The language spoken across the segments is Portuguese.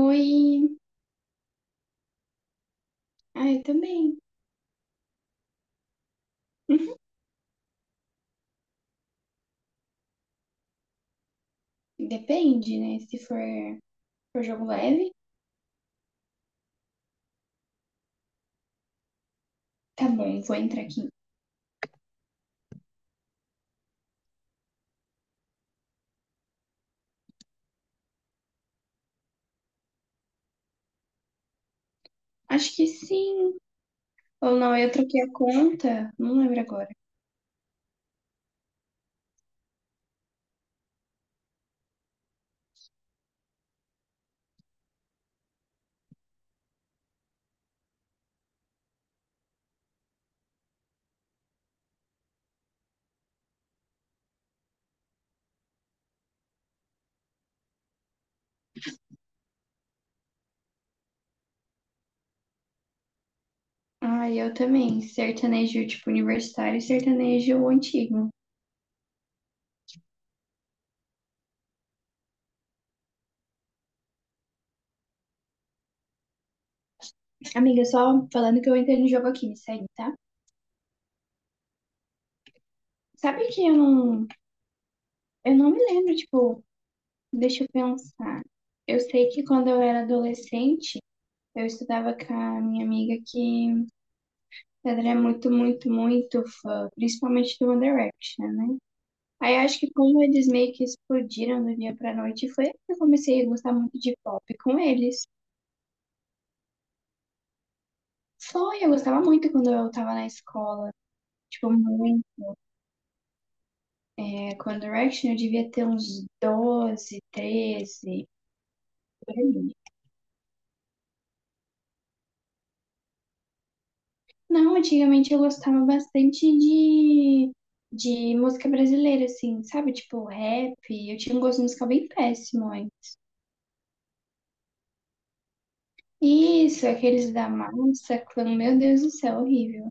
Oi. Ah, eu também. Uhum. Depende, né? Se for jogo leve. Tá bom, vou entrar aqui. Acho que sim. Ou não, eu troquei a conta. Não lembro agora. Ah, eu também. Sertanejo, tipo, universitário e sertanejo antigo. Amiga, só falando que eu entrei no jogo aqui, me segue, tá? Sabe que eu não me lembro, tipo, deixa eu pensar. Eu sei que quando eu era adolescente, eu estudava com a minha amiga que Pedro é muito, muito, muito fã, principalmente do One Direction, né? Aí acho que como eles meio que explodiram do dia pra noite, foi aí que eu comecei a gostar muito de pop com eles. Foi, eu gostava muito quando eu tava na escola. Tipo, muito. É, com One Direction eu devia ter uns 12, 13. Por aí. Não, antigamente eu gostava bastante de música brasileira, assim, sabe? Tipo, rap. Eu tinha um gosto musical bem péssimo, hein? Isso, aqueles da massa, clã, meu Deus do céu, horrível.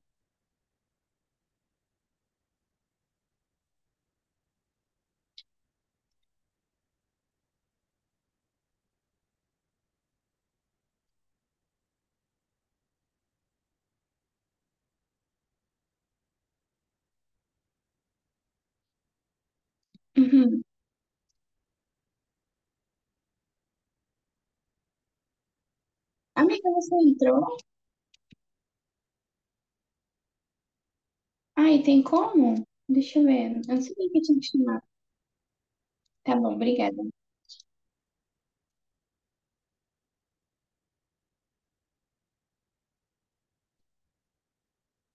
Uhum. Amiga, você entrou? Ai, tem como? Deixa eu ver. Eu não sabia que tinha que chamar. Tá bom, obrigada.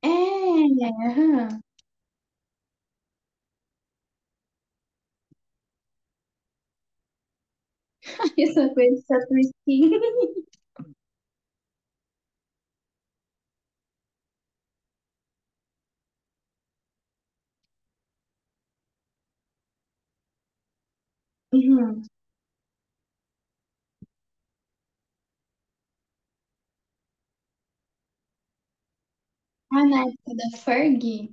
É, aham. Essa coisa só por skin. Uhum. Ah, na época da Ferg.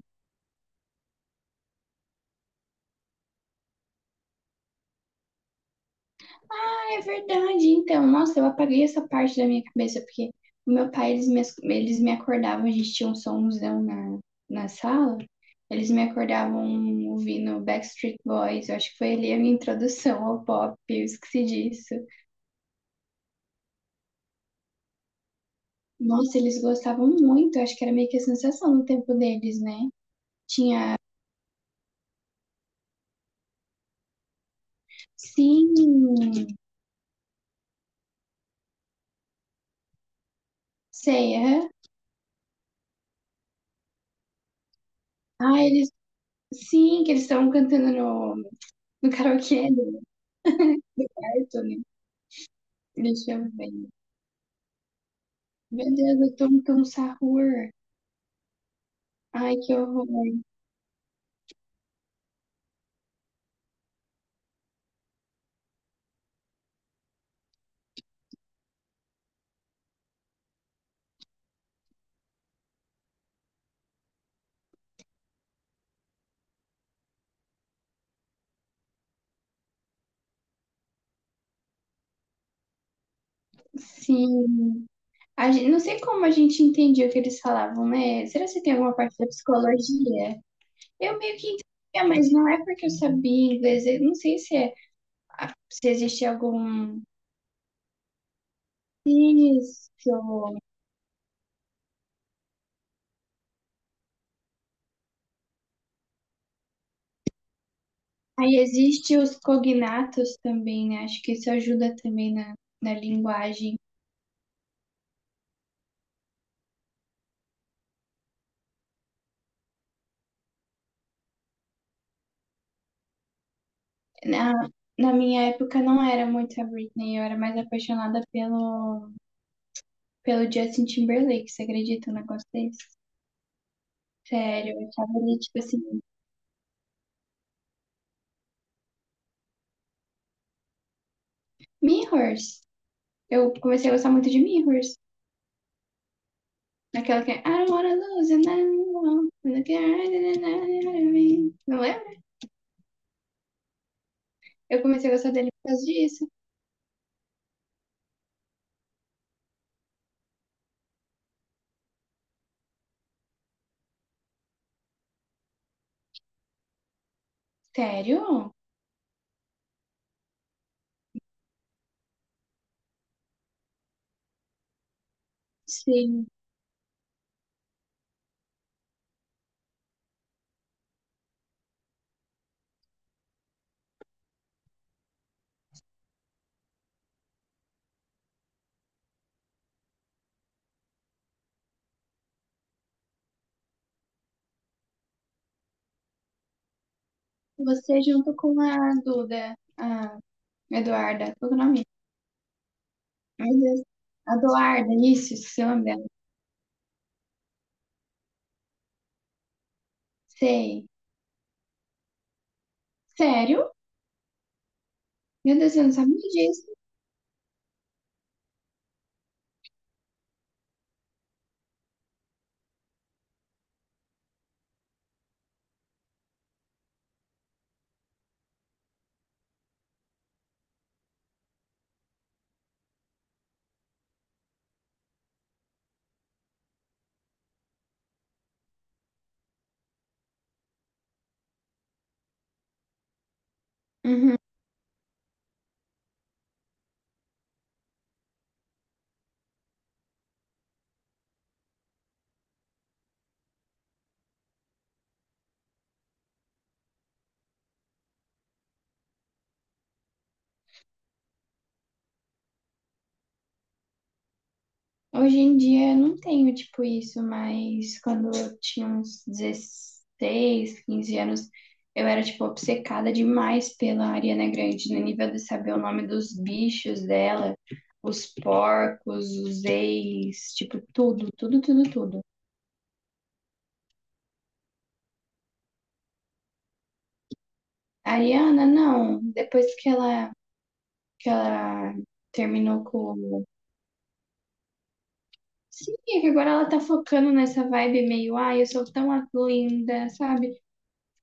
Ah, é verdade. Então, nossa, eu apaguei essa parte da minha cabeça, porque o meu pai, eles me acordavam, a gente tinha um somzão na sala, eles me acordavam ouvindo Backstreet Boys. Eu acho que foi ali a minha introdução ao pop, eu esqueci disso. Nossa, eles gostavam muito, eu acho que era meio que a sensação no tempo deles, né? Tinha, sim, sei, aham. Ah, eles, sim, que eles estavam cantando no karaokê do quarto, né? Deixa eu ver. Meu Deus, eu tô com um sarrur. Ai, que horror. Sim. A gente, não sei como a gente entendia o que eles falavam, né? Será que tem alguma parte da psicologia? Eu meio que entendia, mas não é porque eu sabia inglês. Eu não sei se é, se existe algum. Isso. Aí existe os cognatos também, né? Acho que isso ajuda também na linguagem. Na, na minha época não era muito a Britney, eu era mais apaixonada pelo Justin Timberlake. Você acredita num negócio desse? Sério, eu achava ele tipo assim. Mirrors. Eu comecei a gostar muito de Mirrors. Naquela que é I don't wanna lose you now. Look. Não lembra? Eu comecei a gostar dele por causa disso. Sério? Sim. Você junto com a Duda, a Eduarda, qual que é o nome? Meu Deus. A Eduarda, isso, esse é o nome dela. Sei. Sério? Meu Deus, eu não sabia disso. Uhum. Hoje em dia eu não tenho tipo isso, mas quando eu tinha uns 16, 15 anos, eu era tipo obcecada demais pela Ariana Grande, no nível de saber o nome dos bichos dela, os porcos, os ex, tipo tudo, tudo, tudo, tudo. A Ariana, não, depois que ela, terminou com. Sim, é que agora ela tá focando nessa vibe meio, ai, eu sou tão linda, sabe?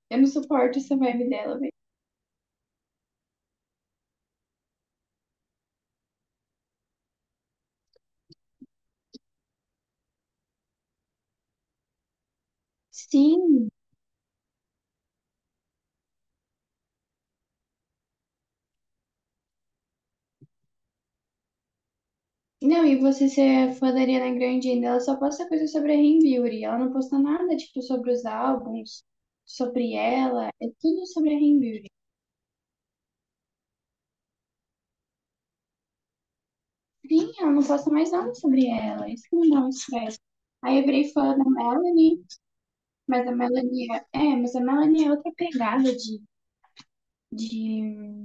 Eu não suporto essa vibe dela. Sim. Não, e você ser fã da Ariana Grande ainda, ela só posta coisa sobre a Rei Beauty. Ela não posta nada, tipo, sobre os álbuns, sobre ela. É tudo sobre a Rei Beauty. Sim, ela não posta mais nada sobre ela. Isso que me dá um estresse. Aí eu virei fã da Melanie, mas a Melanie é, mas a Melanie é outra pegada de,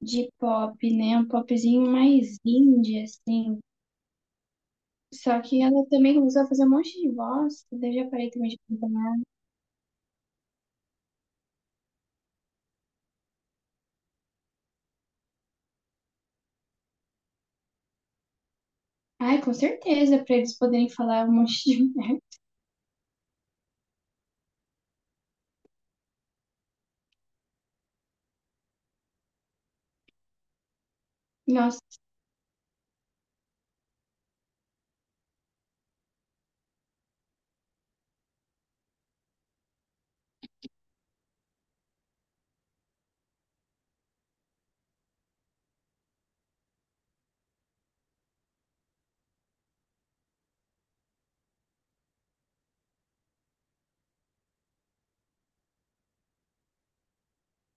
de pop, né? Um popzinho mais indie, assim. Só que ela também começou a fazer um monte de voz, que daí eu já parei também de. Ai, com certeza, para eles poderem falar um monte de merda. Nossa.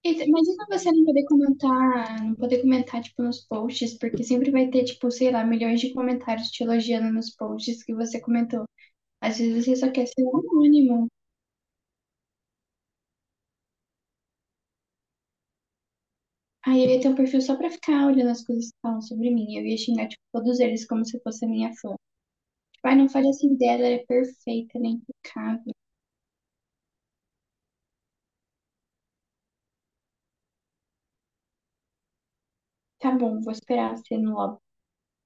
E imagina você não poder comentar, tipo, nos posts, porque sempre vai ter, tipo, sei lá, milhões de comentários te elogiando nos posts que você comentou. Às vezes você só quer ser um anônimo. Aí eu ia ter um perfil só pra ficar olhando as coisas que falam sobre mim. Eu ia xingar, tipo, todos eles como se fosse a minha fã. Tipo, ai, não fale assim dela, ela é perfeita, ela é impecável. Tá bom, vou esperar ser no lobby.